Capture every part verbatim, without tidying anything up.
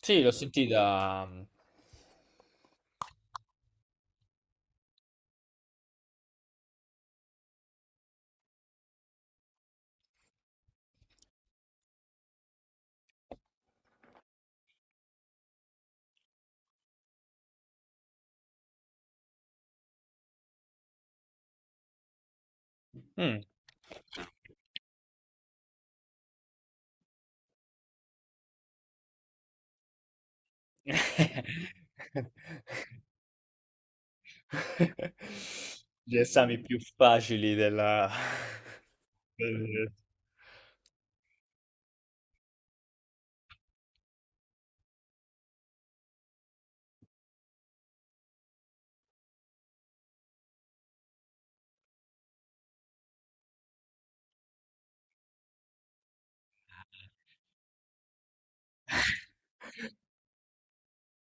Sì, l'ho sentita. Mm. Gli esami più facili della... del-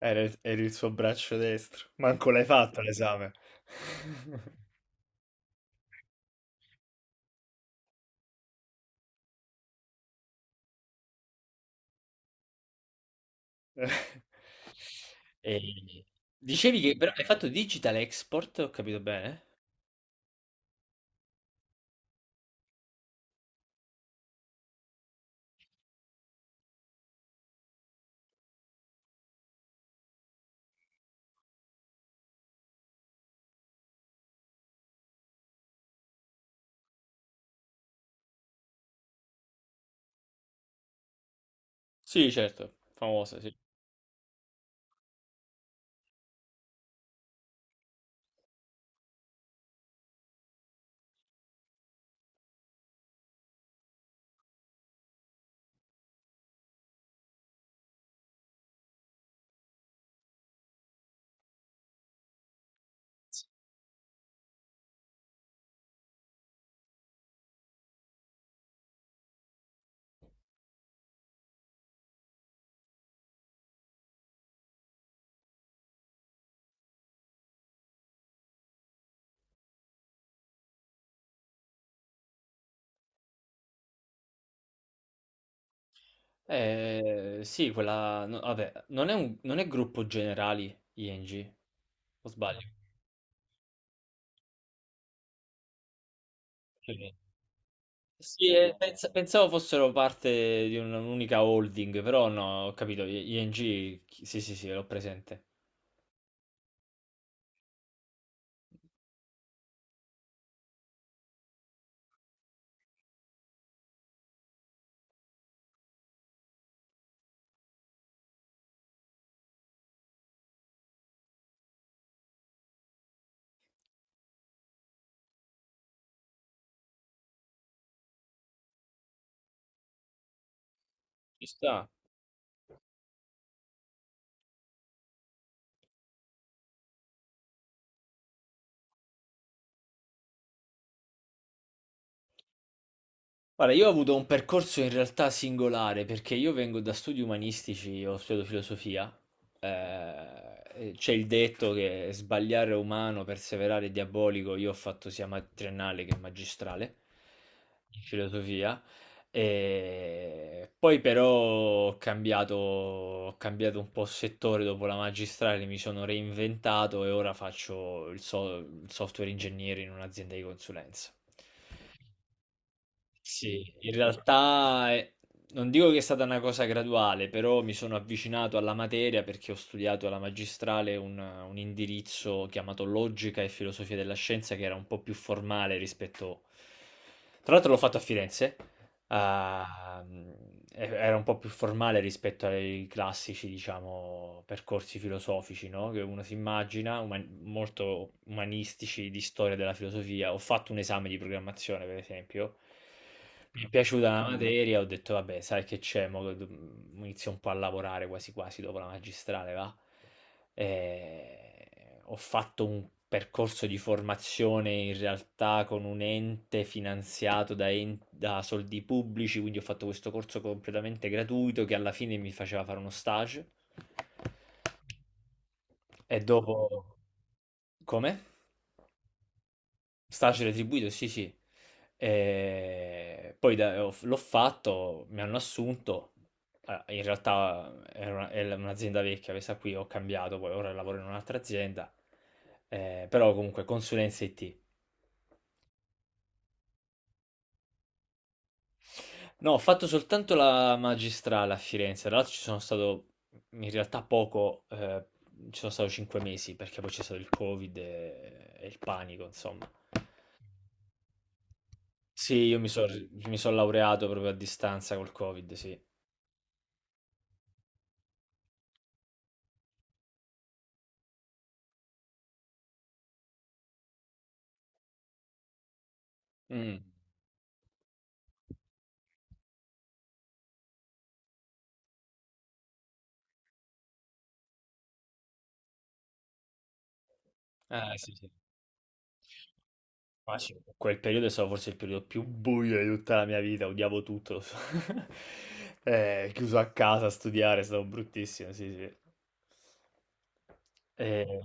Era il, era il suo braccio destro. Manco l'hai fatto l'esame. E... Dicevi che però hai fatto Digital Export, ho capito bene? Sì, certo, famosa, sì. Eh, sì, quella... No, vabbè, non è un- non è gruppo generali I N G, o sbaglio? Sì, eh, pens- pensavo fossero parte di un- un'unica holding, però no, ho capito, I- ING, chi- sì, sì, sì, l'ho presente. Ci sta. Guarda, io ho avuto un percorso in realtà singolare perché io vengo da studi umanistici, ho studiato filosofia. eh, e c'è il detto che sbagliare è umano, perseverare è diabolico. Io ho fatto sia ma- triennale che magistrale in filosofia. E poi però ho cambiato, ho cambiato un po' settore dopo la magistrale, mi sono reinventato e ora faccio il so- il software ingegnere in un'azienda di consulenza. Sì, in realtà eh, non dico che è stata una cosa graduale, però mi sono avvicinato alla materia perché ho studiato alla magistrale un, un indirizzo chiamato Logica e Filosofia della Scienza che era un po' più formale rispetto... Tra l'altro l'ho fatto a Firenze. Ah, mh, e- era un po' più formale rispetto ai classici, diciamo, percorsi filosofici, no? Che uno si immagina, uma- molto umanistici di storia della filosofia. Ho fatto un esame di programmazione, per esempio. Mi è piaciuta la materia, ho detto, vabbè, sai che c'è, mo do- inizio un po' a lavorare quasi quasi dopo la magistrale, va? Eh, ho fatto un percorso di formazione in realtà con un ente finanziato da, en- da soldi pubblici, quindi ho fatto questo corso completamente gratuito che alla fine mi faceva fare uno stage e dopo... Come? Staci retribuito, sì, sì. E poi da- ho- l'ho fatto, mi hanno assunto. Ah, in realtà era una- è un'azienda vecchia, questa qui ho cambiato, poi ora lavoro in un'altra azienda. Eh, però comunque consulenza I T. No, ho fatto soltanto la magistrale a Firenze, tra l'altro ci sono stato in realtà poco, eh, ci sono stato cinque mesi perché poi c'è stato il Covid e, e il panico, insomma. Sì, io mi sono mi son laureato proprio a distanza col Covid, sì. Mh. Eh, sì, sì. Ma sì, quel periodo è stato forse il periodo più buio di tutta la mia vita, odiavo tutto. Ehm, chiuso a casa a studiare, è stato bruttissimo, sì, sì. Ehm,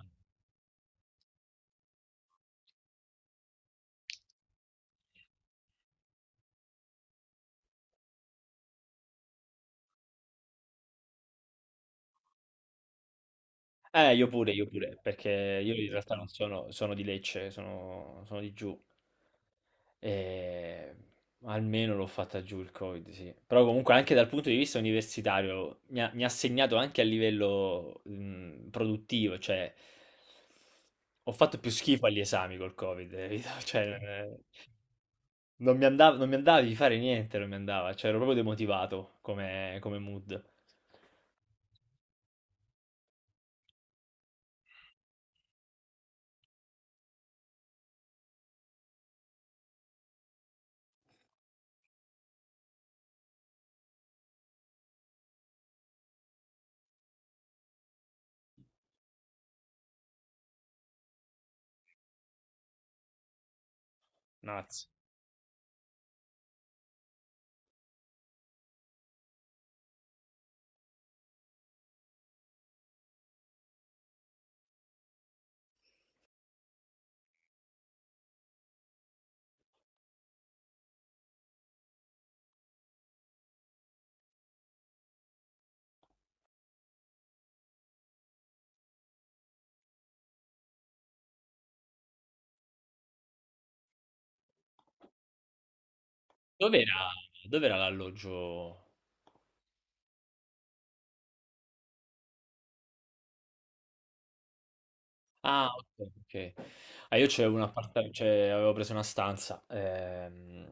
eh, io pure, io pure, perché io in realtà non sono sono di Lecce, sono sono di giù. E almeno l'ho fatta giù il Covid, sì. Però comunque anche dal punto di vista universitario mi ha, mi ha segnato anche a livello mh, produttivo, cioè ho fatto più schifo agli esami col Covid, eh, capito? Cioè, non è- non mi andava, non mi andava di fare niente, non mi andava, cioè ero proprio demotivato come, come mood. Mazza. Dov'era, dov'era l'alloggio? Ah, ok, ok. Ah, io c'avevo un appartamento, avevo preso una stanza ehm,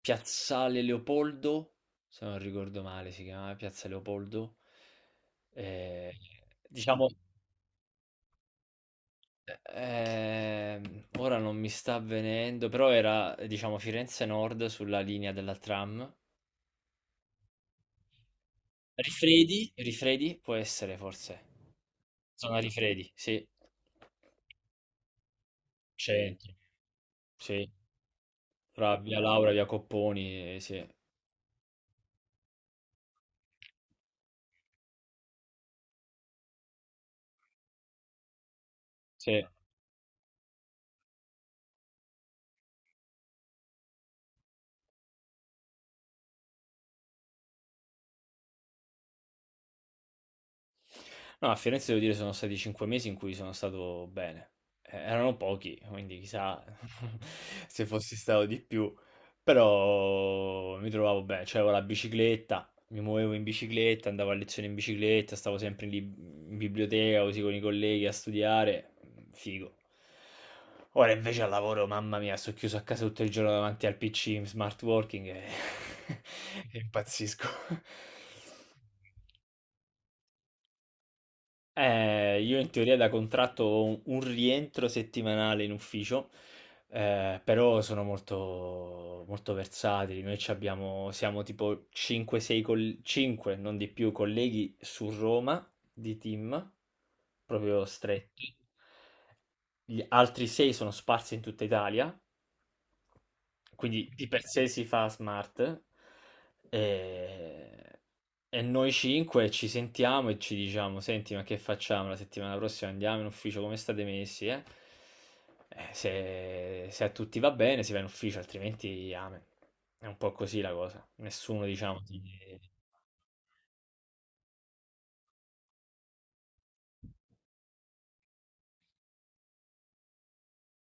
Piazzale Leopoldo, se non ricordo male si chiamava Piazza Leopoldo. Eh, diciamo, ehm, ora non mi sta avvenendo, però era, eh, diciamo, Firenze Nord sulla linea della tram. Rifredi? Rifredi può essere forse. Zona Rifredi, sì. Centro, sì. Tra via Laura, via Copponi, eh, sì. Sì. No, a Firenze devo dire sono stati cinque mesi in cui sono stato bene. Eh, erano pochi, quindi chissà se fossi stato di più, però mi trovavo bene, cioè avevo la bicicletta, mi muovevo in bicicletta, andavo a lezione in bicicletta, stavo sempre in, lib- in biblioteca così con i colleghi a studiare, figo. Ora invece al lavoro, mamma mia, sto chiuso a casa tutto il giorno davanti al P C in smart working e, e impazzisco. Eh, io in teoria da contratto ho un, un rientro settimanale in ufficio, eh, però sono molto, molto versatili. Noi ci abbiamo, siamo tipo cinque sei, coll- cinque, non di più, colleghi su Roma di team, proprio stretti. Gli altri sei sono sparsi in tutta Italia, quindi di per sé si fa smart e, e noi cinque ci sentiamo e ci diciamo, senti, ma che facciamo la settimana prossima? Andiamo in ufficio, come state messi, eh?" Eh, se, se a tutti va bene si va in ufficio, altrimenti amen. È un po' così la cosa. Nessuno, diciamo, ti-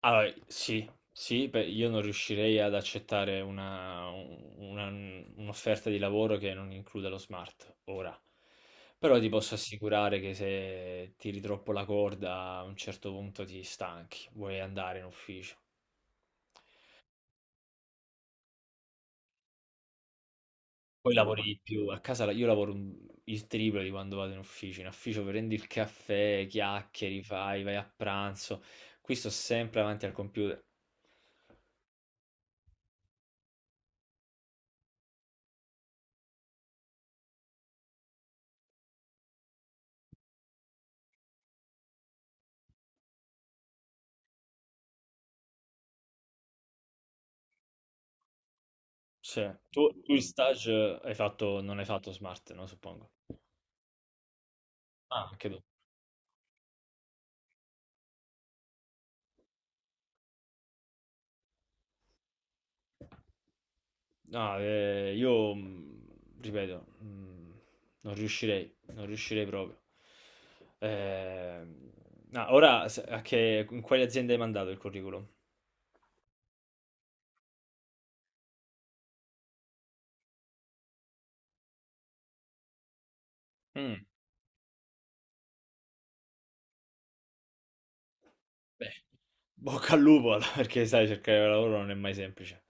Allora, sì, sì, beh, io non riuscirei ad accettare una, una- un'offerta di lavoro che non includa lo smart ora. Però ti posso assicurare che se tiri troppo la corda a un certo punto ti stanchi, vuoi andare in ufficio. Poi lavori di più, a casa la- io lavoro un- il triplo di quando vado in ufficio, in ufficio prendi il caffè, chiacchieri, fai, vai a pranzo, qui sto sempre davanti al computer. Sì. Tu, tu in stage hai fatto, non hai fatto smart, no, suppongo. Ah, anche tu. No, eh, io mh, ripeto, mh, non riuscirei, non riuscirei proprio. Eh, no, ora se- a che, in quale azienda hai mandato il curriculum? Mm, beh, bocca al lupo, allora, perché sai, cercare lavoro non è mai semplice.